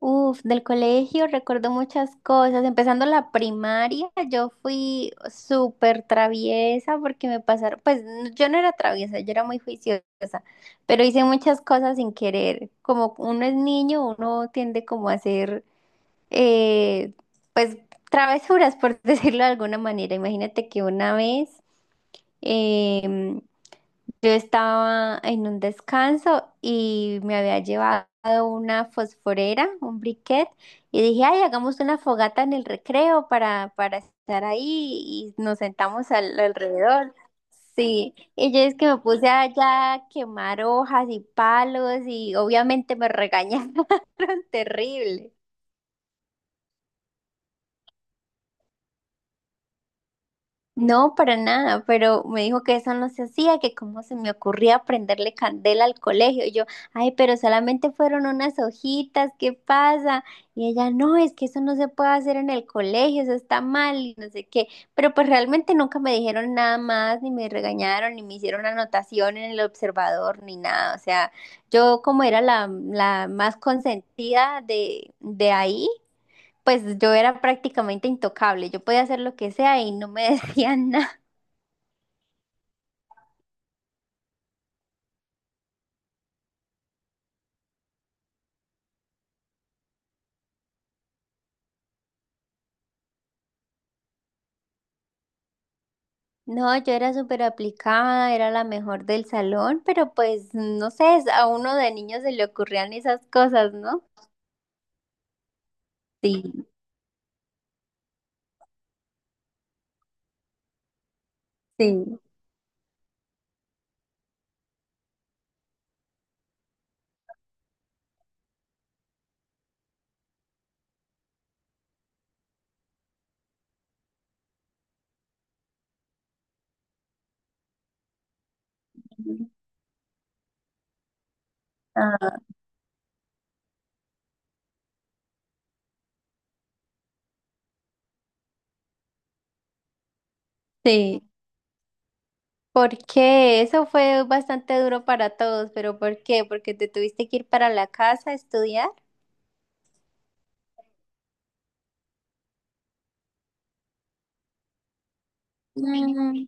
Uf, del colegio recuerdo muchas cosas. Empezando la primaria, yo fui súper traviesa porque me pasaron, pues yo no era traviesa, yo era muy juiciosa, pero hice muchas cosas sin querer. Como uno es niño, uno tiende como a hacer, eh, pues, travesuras, por decirlo de alguna manera. Imagínate que una vez... em, yo estaba en un descanso y me había llevado una fosforera, un briquet, y dije, ay, hagamos una fogata en el recreo para estar ahí y nos sentamos alrededor. Sí, y yo es que me puse allá a quemar hojas y palos, y obviamente me regañaron terrible. No, para nada, pero me dijo que eso no se hacía, que cómo se me ocurría prenderle candela al colegio. Y yo, ay, pero solamente fueron unas hojitas, ¿qué pasa? Y ella, no, es que eso no se puede hacer en el colegio, eso está mal y no sé qué. Pero pues realmente nunca me dijeron nada más, ni me regañaron, ni me hicieron anotación en el observador, ni nada. O sea, yo como era la más consentida de ahí. Pues yo era prácticamente intocable, yo podía hacer lo que sea y no me decían nada. No, yo era súper aplicada, era la mejor del salón, pero pues no sé, a uno de niño se le ocurrían esas cosas, ¿no? Sí, sí. Ah, sí. Porque eso fue bastante duro para todos, pero ¿por qué? Porque te tuviste que ir para la casa a estudiar. Mm,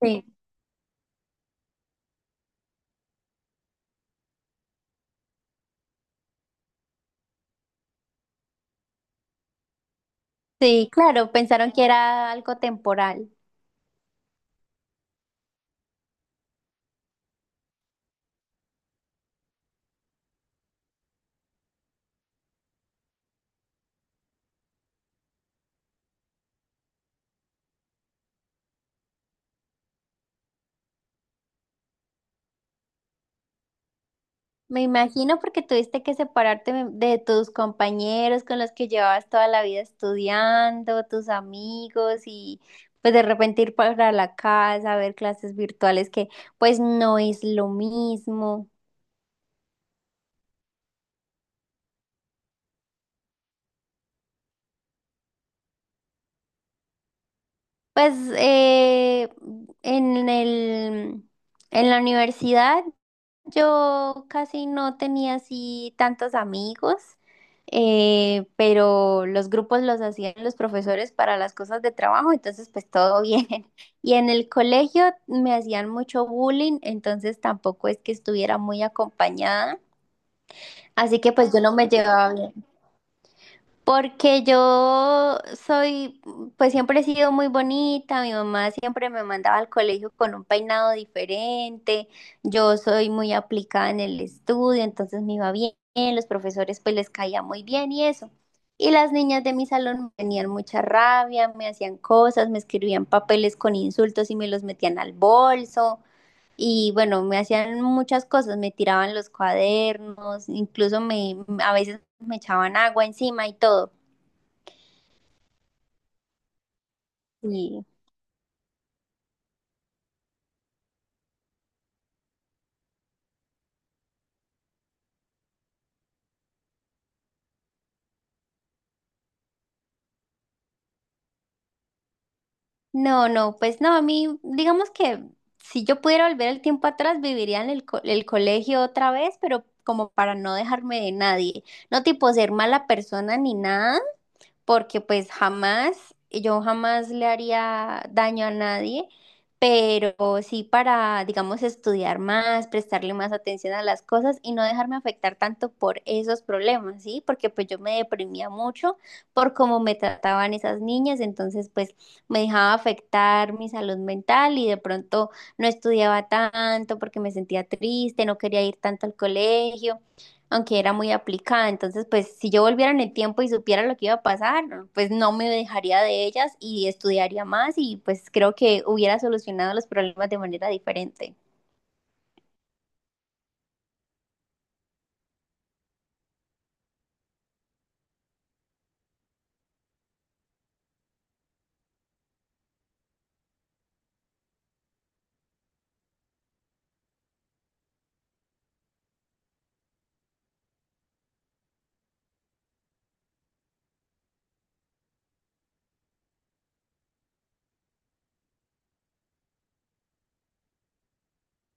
sí, sí, claro, pensaron que era algo temporal. Me imagino, porque tuviste que separarte de tus compañeros con los que llevabas toda la vida estudiando, tus amigos, y pues de repente ir para la casa, ver clases virtuales que pues no es lo mismo. Pues en el, en la universidad yo casi no tenía así tantos amigos, pero los grupos los hacían los profesores para las cosas de trabajo, entonces pues todo bien. Y en el colegio me hacían mucho bullying, entonces tampoco es que estuviera muy acompañada, así que pues yo no me llevaba bien. Porque yo soy, pues siempre he sido muy bonita, mi mamá siempre me mandaba al colegio con un peinado diferente, yo soy muy aplicada en el estudio, entonces me iba bien, los profesores pues les caía muy bien y eso. Y las niñas de mi salón me tenían mucha rabia, me hacían cosas, me escribían papeles con insultos y me los metían al bolso. Y bueno, me hacían muchas cosas, me tiraban los cuadernos, incluso me, a veces me echaban agua encima y todo. Sí. No, no, pues no, a mí, digamos que si yo pudiera volver el tiempo atrás, viviría en el, el colegio otra vez, pero como para no dejarme de nadie, no tipo ser mala persona ni nada, porque pues jamás, yo jamás le haría daño a nadie, pero sí para, digamos, estudiar más, prestarle más atención a las cosas y no dejarme afectar tanto por esos problemas, ¿sí? Porque pues yo me deprimía mucho por cómo me trataban esas niñas, entonces pues me dejaba afectar mi salud mental y de pronto no estudiaba tanto porque me sentía triste, no quería ir tanto al colegio aunque era muy aplicada. Entonces, pues si yo volviera en el tiempo y supiera lo que iba a pasar, pues no me dejaría de ellas y estudiaría más, y pues creo que hubiera solucionado los problemas de manera diferente.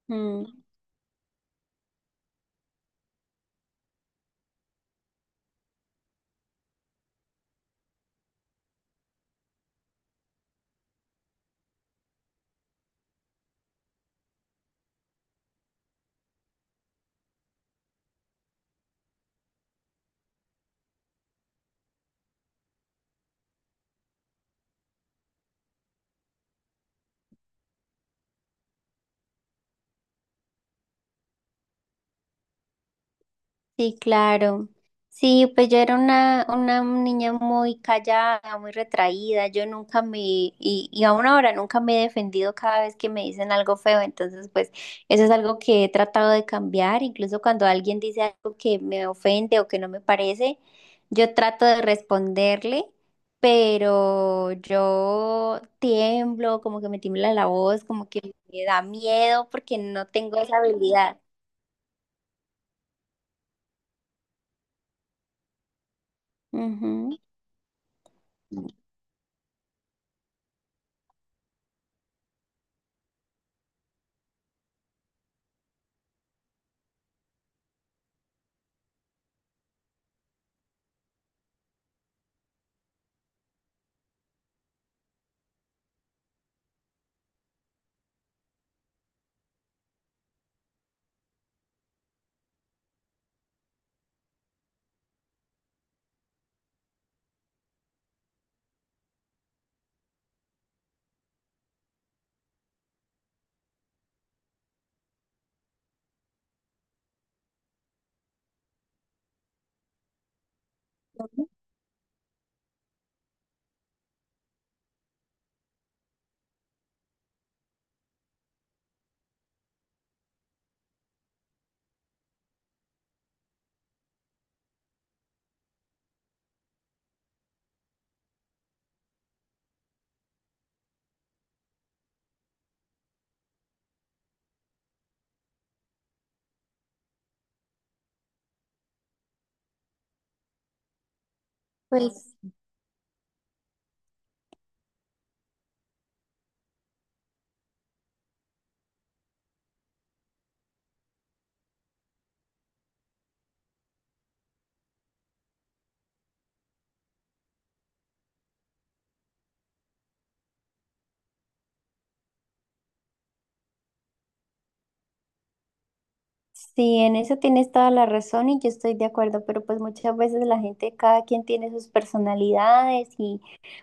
Mm. Sí, claro. Sí, pues yo era una niña muy callada, muy retraída. Yo nunca me, y aún ahora nunca me he defendido cada vez que me dicen algo feo. Entonces, pues eso es algo que he tratado de cambiar. Incluso cuando alguien dice algo que me ofende o que no me parece, yo trato de responderle, pero yo tiemblo, como que me tiembla la voz, como que me da miedo porque no tengo esa habilidad. Ujú. Pues sí, en eso tienes toda la razón y yo estoy de acuerdo, pero pues muchas veces la gente, cada quien tiene sus personalidades y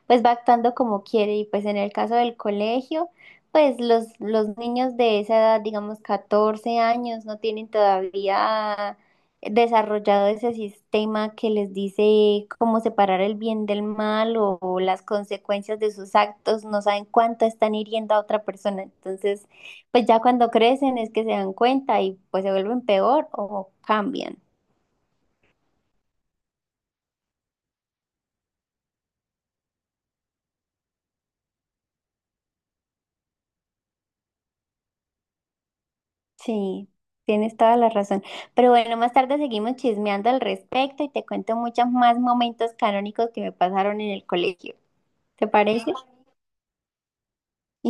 pues va actuando como quiere, y pues en el caso del colegio, pues los niños de esa edad, digamos 14 años, no tienen todavía desarrollado ese sistema que les dice cómo separar el bien del mal o las consecuencias de sus actos, no saben cuánto están hiriendo a otra persona, entonces pues ya cuando crecen es que se dan cuenta y pues se vuelven peor o cambian. Sí, tienes toda la razón. Pero bueno, más tarde seguimos chismeando al respecto y te cuento muchos más momentos canónicos que me pasaron en el colegio. ¿Te parece?